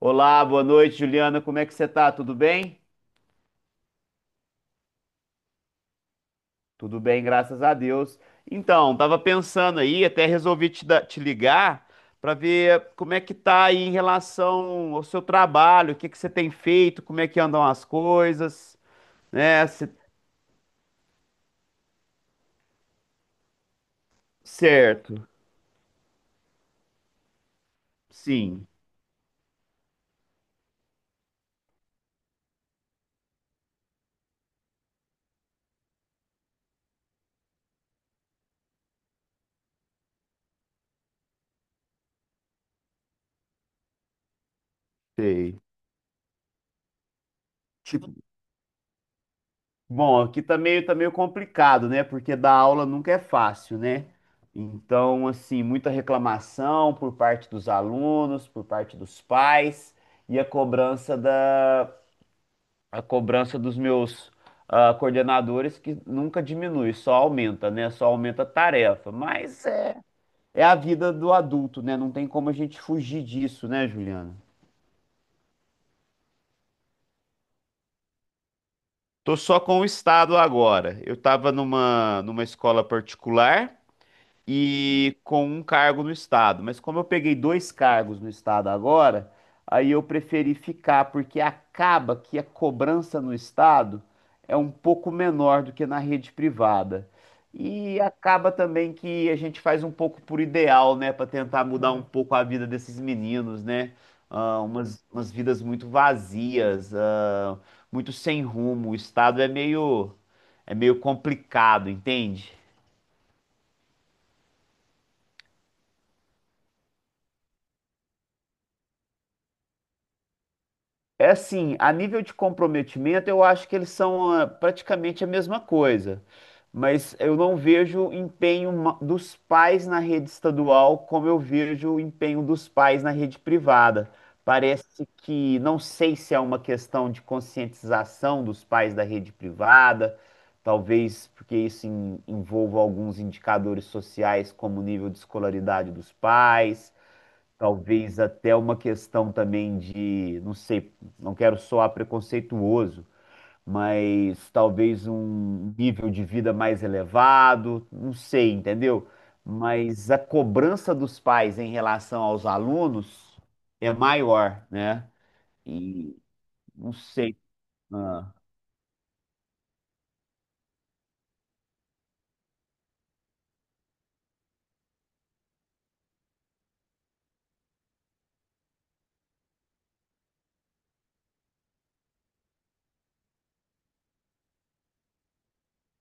Olá, boa noite, Juliana. Como é que você tá? Tudo bem? Tudo bem, graças a Deus. Então, tava pensando aí, até resolvi te, dar- te ligar para ver como é que tá aí em relação ao seu trabalho, o que que você tem feito, como é que andam as coisas, né? Certo. Sim, sei. Tipo, bom, aqui tá meio complicado, né? Porque dar aula nunca é fácil, né? Então, assim, muita reclamação por parte dos alunos, por parte dos pais e a cobrança dos meus coordenadores que nunca diminui, só aumenta, né? Só aumenta a tarefa. Mas é, é a vida do adulto, né? Não tem como a gente fugir disso, né, Juliana? Tô só com o estado agora. Eu tava numa escola particular e com um cargo no estado. Mas como eu peguei dois cargos no estado agora, aí eu preferi ficar, porque acaba que a cobrança no estado é um pouco menor do que na rede privada. E acaba também que a gente faz um pouco por ideal, né, para tentar mudar um pouco a vida desses meninos, né? Ah, umas vidas muito vazias, muito sem rumo. O estado é meio complicado, entende? É assim, a nível de comprometimento, eu acho que eles são praticamente a mesma coisa. Mas eu não vejo dos pais na rede estadual como eu vejo o empenho dos pais na rede privada. Parece que, não sei se é uma questão de conscientização dos pais da rede privada, talvez porque envolva alguns indicadores sociais, como o nível de escolaridade dos pais. Talvez até uma questão também de, não sei, não quero soar preconceituoso, mas talvez um nível de vida mais elevado, não sei, entendeu? Mas a cobrança dos pais em relação aos alunos é maior, né? E não sei. Ah,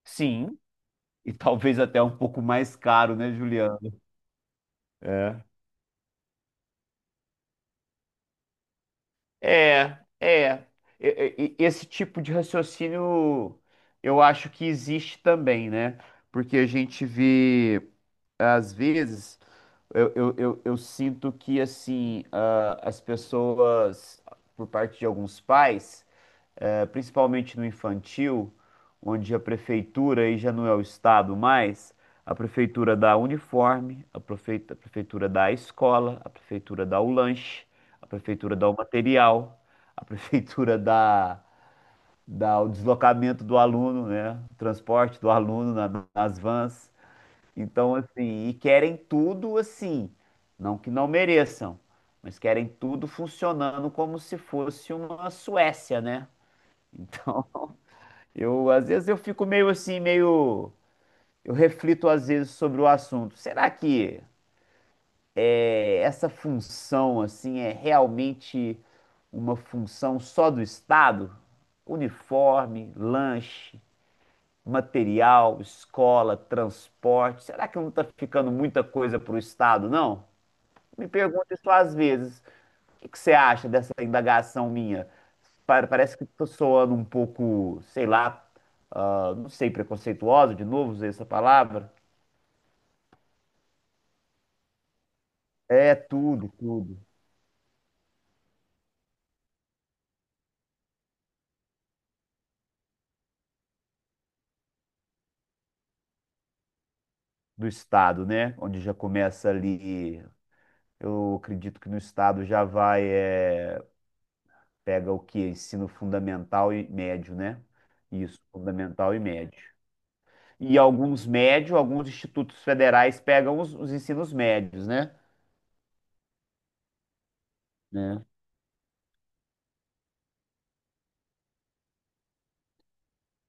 sim, e talvez até um pouco mais caro, né, Juliano? É. É, é. Esse tipo de raciocínio eu acho que existe também, né? Porque a gente vê, às vezes, eu sinto que, assim, as pessoas, por parte de alguns pais, principalmente no infantil, onde a prefeitura, aí já não é o estado mais, a prefeitura dá uniforme, a prefeitura dá a escola, a prefeitura dá o lanche, a prefeitura dá o material, a prefeitura dá o deslocamento do aluno, né? O transporte do aluno nas vans. Então, assim, e querem tudo assim, não que não mereçam, mas querem tudo funcionando como se fosse uma Suécia, né? Então, eu, às vezes eu fico meio assim, meio. Eu reflito às vezes sobre o assunto. Essa função assim é realmente uma função só do Estado? Uniforme, lanche, material, escola, transporte. Será que não está ficando muita coisa para o Estado, não? Me pergunto isso às vezes. O que você acha dessa indagação minha? Parece que estou soando um pouco, sei lá, não sei, preconceituosa, de novo, usei essa palavra. É tudo, tudo do Estado, né? Onde já começa ali. Eu acredito que no Estado já vai, é, pega o quê? Ensino fundamental e médio, né? Isso, fundamental e médio. E alguns médios, alguns institutos federais pegam os ensinos médios, né? Né?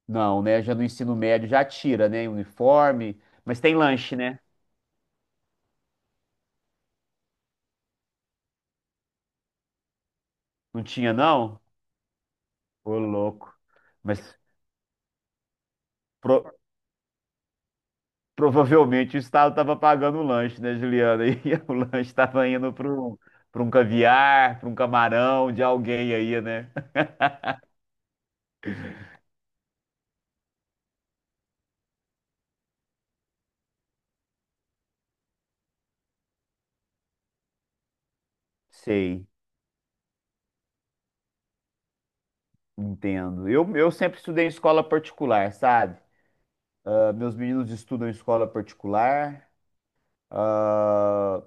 Não, né? Já no ensino médio já tira, né? Uniforme. Mas tem lanche, né? Não tinha, não? Ô, louco. Mas pro- provavelmente o Estado estava pagando o lanche, né, Juliana? E o lanche estava indo para um caviar, para um camarão de alguém aí, né? Sei, entendo. Eu sempre estudei em escola particular, sabe? Ah, meus meninos estudam em escola particular. Ah,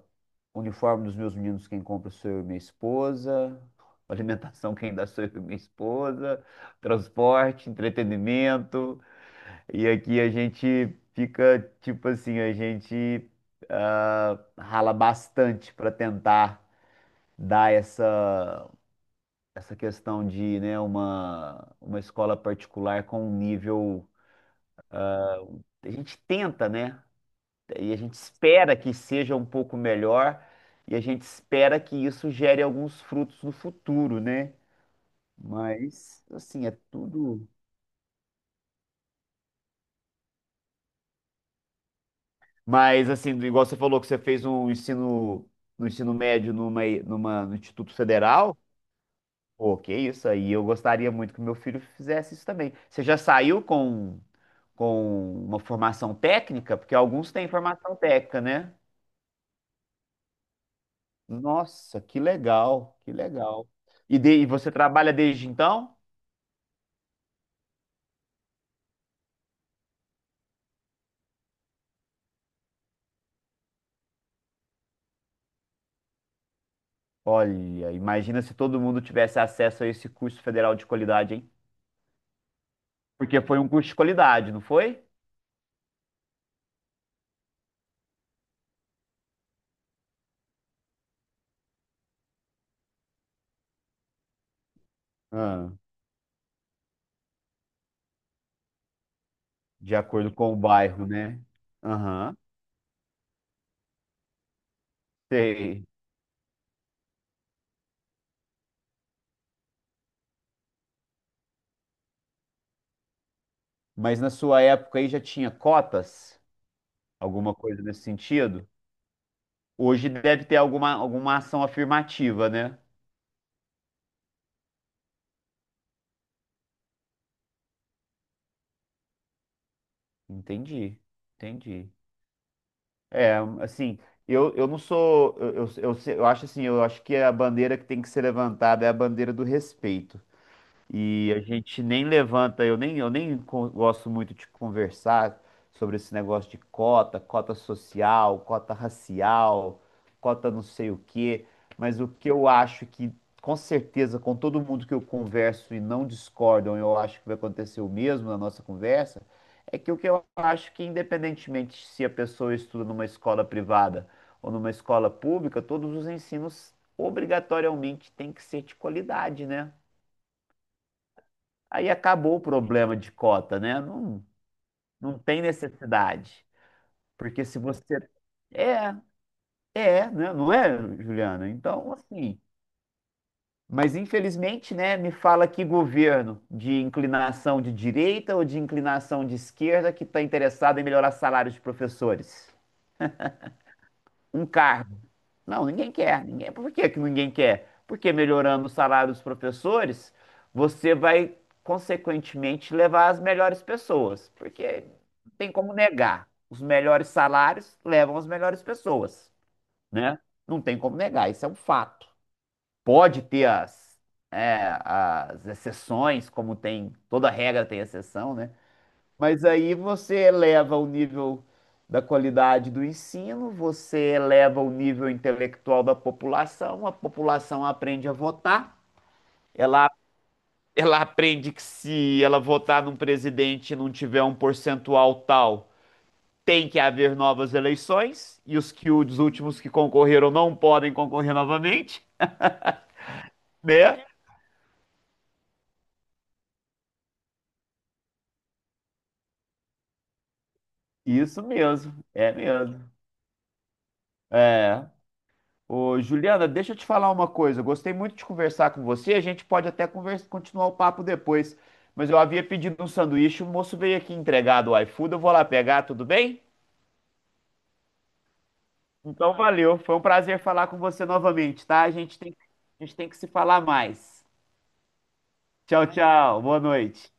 uniforme dos meus meninos, quem compra sou eu e minha esposa. Alimentação, quem dá sou eu e minha esposa. Transporte, entretenimento. E aqui a gente fica, tipo assim, a gente rala bastante para tentar dar essa questão de, né, uma escola particular com um nível. A gente tenta, né? E a gente espera que seja um pouco melhor e a gente espera que isso gere alguns frutos no futuro, né? Mas assim, é tudo. Mas assim, igual você falou que você fez um ensino no ensino médio numa, numa no Instituto Federal, pô, que isso aí, eu gostaria muito que meu filho fizesse isso também. Você já saiu com uma formação técnica? Porque alguns têm formação técnica, né? Nossa, que legal, que legal. E, e você trabalha desde então? Olha, imagina se todo mundo tivesse acesso a esse curso federal de qualidade, hein? Porque foi um curso de qualidade, não foi? Ah, de acordo com o bairro, né? Aham, sei. Mas na sua época aí já tinha cotas? Alguma coisa nesse sentido? Hoje deve ter alguma ação afirmativa, né? Entendi, entendi. É, assim, eu não sou. Eu, se- eu acho assim, eu acho que a bandeira que tem que ser levantada é a bandeira do respeito. E a gente nem levanta, eu nem co- gosto muito de conversar sobre esse negócio de cota, cota social, cota racial, cota não sei o quê, mas o que eu acho que, com certeza, com todo mundo que eu converso e não discordam, eu acho que vai acontecer o mesmo na nossa conversa, é que o que eu acho que, independentemente se a pessoa estuda numa escola privada ou numa escola pública, todos os ensinos obrigatoriamente têm que ser de qualidade, né? Aí acabou o problema de cota, né? Não, não tem necessidade. Porque se você. É, é, né? Não é, Juliana? Então, assim. Mas infelizmente, né? Me fala que governo de inclinação de direita ou de inclinação de esquerda que está interessado em melhorar salários de professores. Um cargo. Não, ninguém quer. Ninguém... Por que que ninguém quer? Porque melhorando o salário dos professores, você vai, consequentemente, levar as melhores pessoas. Porque não tem como negar. Os melhores salários levam as melhores pessoas, né? Não tem como negar, isso é um fato. Pode ter é, as exceções, como tem, toda regra tem exceção, né? Mas aí você eleva o nível da qualidade do ensino, você eleva o nível intelectual da população, a população aprende a votar, ela, ela aprende que se ela votar num presidente e não tiver um percentual tal, tem que haver novas eleições, e os que os últimos que concorreram não podem concorrer novamente, né? Isso mesmo. É. Ô, Juliana, deixa eu te falar uma coisa. Eu gostei muito de conversar com você. A gente pode até continuar o papo depois. Mas eu havia pedido um sanduíche, o moço veio aqui entregar do iFood. Eu vou lá pegar, tudo bem? Então valeu. Foi um prazer falar com você novamente, tá? A gente tem que se falar mais. Tchau, tchau. Boa noite.